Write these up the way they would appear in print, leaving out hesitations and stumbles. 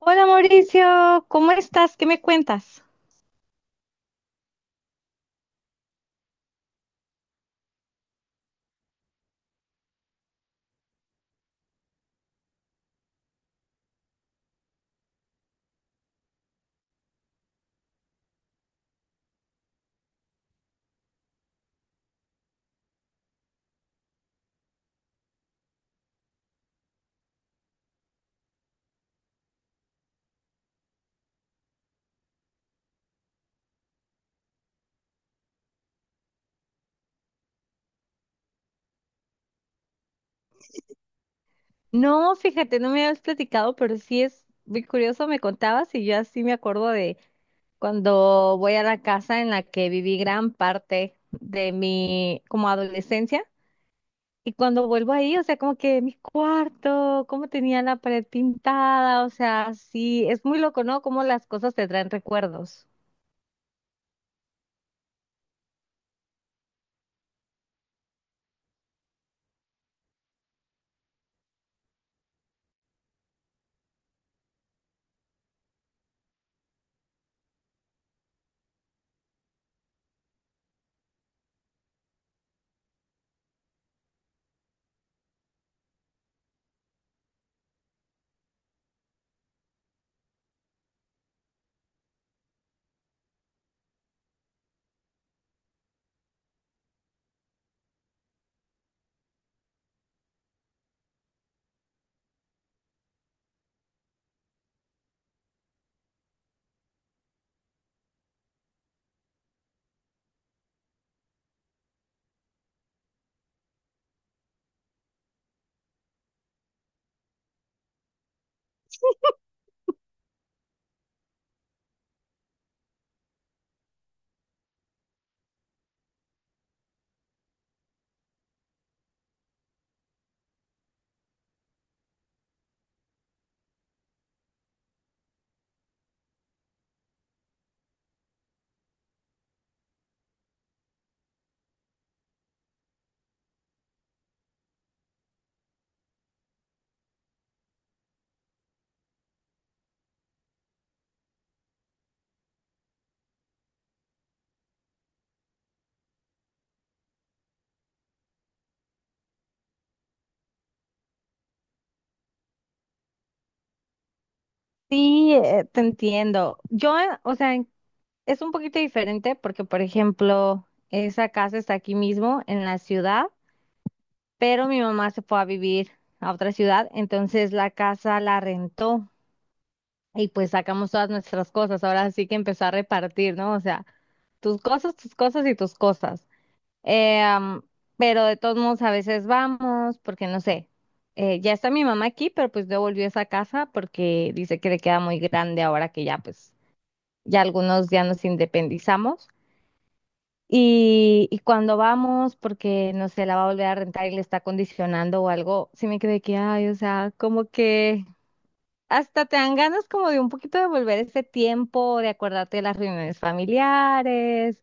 Hola Mauricio, ¿cómo estás? ¿Qué me cuentas? No, fíjate, no me habías platicado, pero sí es muy curioso, me contabas y yo así me acuerdo de cuando voy a la casa en la que viví gran parte de mi como adolescencia y cuando vuelvo ahí, o sea, como que mi cuarto, cómo tenía la pared pintada, o sea, sí, es muy loco, ¿no? Cómo las cosas te traen recuerdos. Sí, te entiendo. Yo, o sea, es un poquito diferente porque, por ejemplo, esa casa está aquí mismo en la ciudad, pero mi mamá se fue a vivir a otra ciudad, entonces la casa la rentó y pues sacamos todas nuestras cosas. Ahora sí que empezó a repartir, ¿no? O sea, tus cosas y tus cosas. Eh, am, pero de todos modos a veces vamos porque, no sé, ya está mi mamá aquí, pero pues devolvió esa casa porque dice que le queda muy grande ahora que ya pues ya algunos ya nos independizamos. Y cuando vamos, porque no sé, la va a volver a rentar y le está condicionando o algo, sí me quedé que, ay, o sea, como que hasta te dan ganas como de un poquito de volver ese tiempo, de acordarte de las reuniones familiares.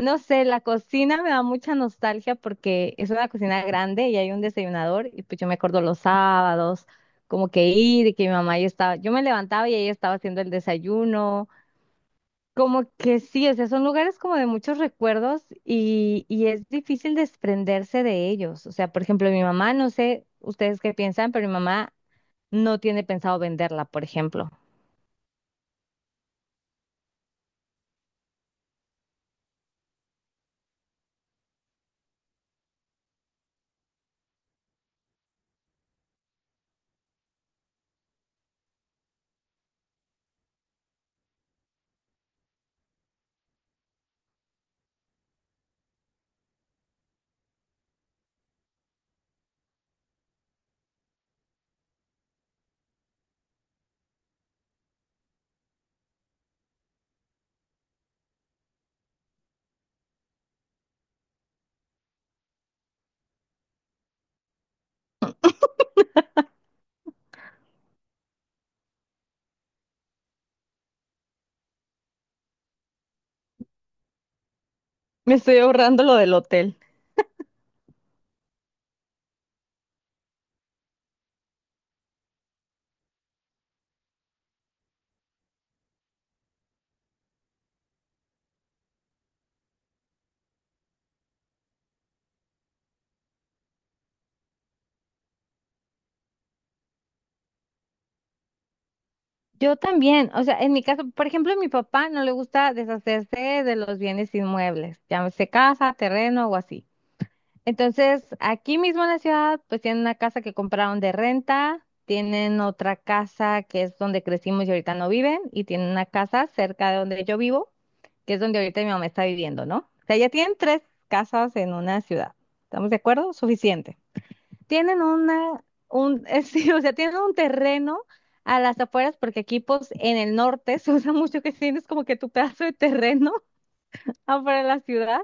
No sé, la cocina me da mucha nostalgia porque es una cocina grande y hay un desayunador y pues yo me acuerdo los sábados, como que ir y que mi mamá ya estaba, yo me levantaba y ella estaba haciendo el desayuno. Como que sí, o sea, son lugares como de muchos recuerdos y es difícil desprenderse de ellos. O sea, por ejemplo, mi mamá, no sé ustedes qué piensan, pero mi mamá no tiene pensado venderla, por ejemplo. Me estoy ahorrando lo del hotel. Yo también, o sea, en mi caso, por ejemplo, a mi papá no le gusta deshacerse de los bienes inmuebles, llámese casa, terreno o así. Entonces, aquí mismo en la ciudad, pues tienen una casa que compraron de renta, tienen otra casa que es donde crecimos y ahorita no viven, y tienen una casa cerca de donde yo vivo, que es donde ahorita mi mamá está viviendo, ¿no? O sea, ya tienen tres casas en una ciudad. ¿Estamos de acuerdo? Suficiente. Tienen una, un, sí, o sea, tienen un terreno a las afueras, porque aquí, pues, en el norte se usa mucho que tienes como que tu pedazo de terreno afuera de la ciudad,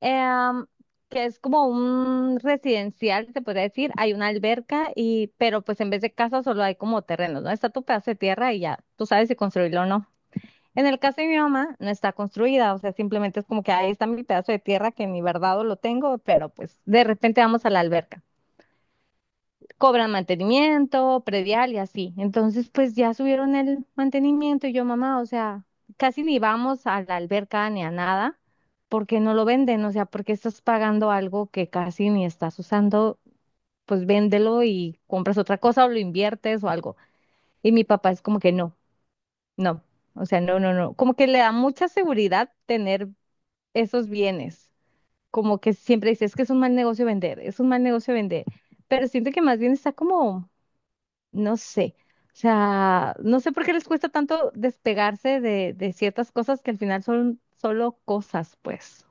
em, que es como un residencial, se podría decir, hay una alberca y, pero pues en vez de casa solo hay como terrenos, ¿no? Está tu pedazo de tierra y ya, tú sabes si construirlo o no. En el caso de mi mamá, no está construida, o sea, simplemente es como que ahí está mi pedazo de tierra que ni verdad lo tengo, pero pues de repente vamos a la alberca, cobran mantenimiento, predial y así. Entonces, pues ya subieron el mantenimiento y yo, mamá, o sea, casi ni vamos a la alberca ni a nada porque no lo venden, o sea, porque estás pagando algo que casi ni estás usando, pues véndelo y compras otra cosa o lo inviertes o algo. Y mi papá es como que no, no, o sea, no, como que le da mucha seguridad tener esos bienes, como que siempre dice, es que es un mal negocio vender, es un mal negocio vender, pero siento que más bien está como no sé. O sea, no sé por qué les cuesta tanto despegarse de ciertas cosas que al final son solo cosas, pues.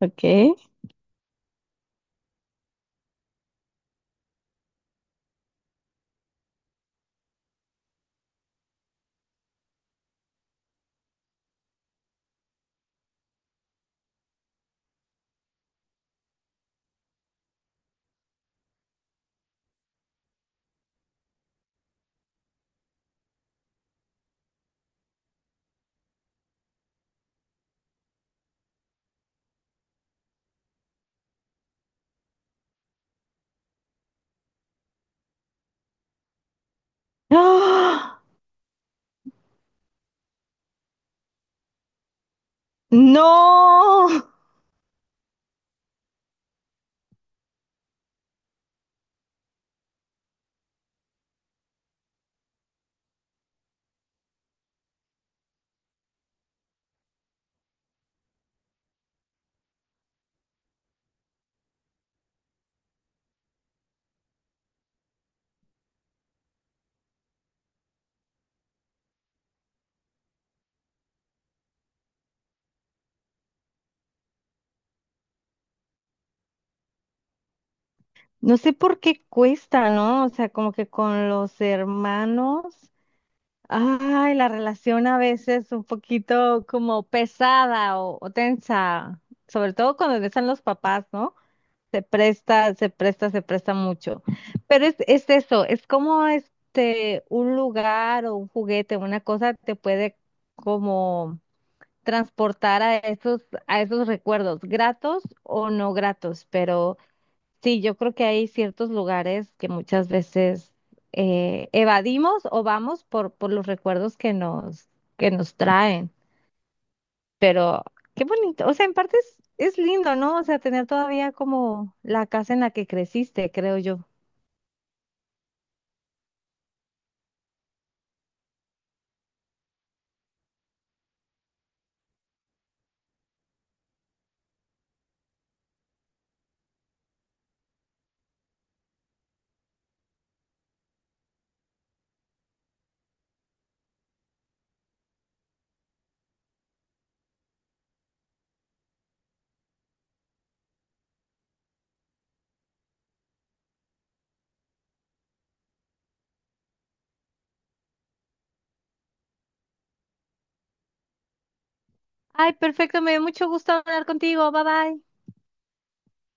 Ok. ¡Ah! ¡No! No sé por qué cuesta, ¿no? O sea, como que con los hermanos, ay, la relación a veces un poquito como pesada o tensa, sobre todo cuando están los papás, ¿no? Se presta mucho. Pero es eso, es como este, un lugar o un juguete, una cosa te puede como transportar a esos recuerdos, gratos o no gratos. Pero sí, yo creo que hay ciertos lugares que muchas veces evadimos o vamos por los recuerdos que nos traen. Pero qué bonito, o sea, en parte es lindo, ¿no? O sea, tener todavía como la casa en la que creciste, creo yo. Ay, perfecto, me dio mucho gusto hablar contigo. Bye bye.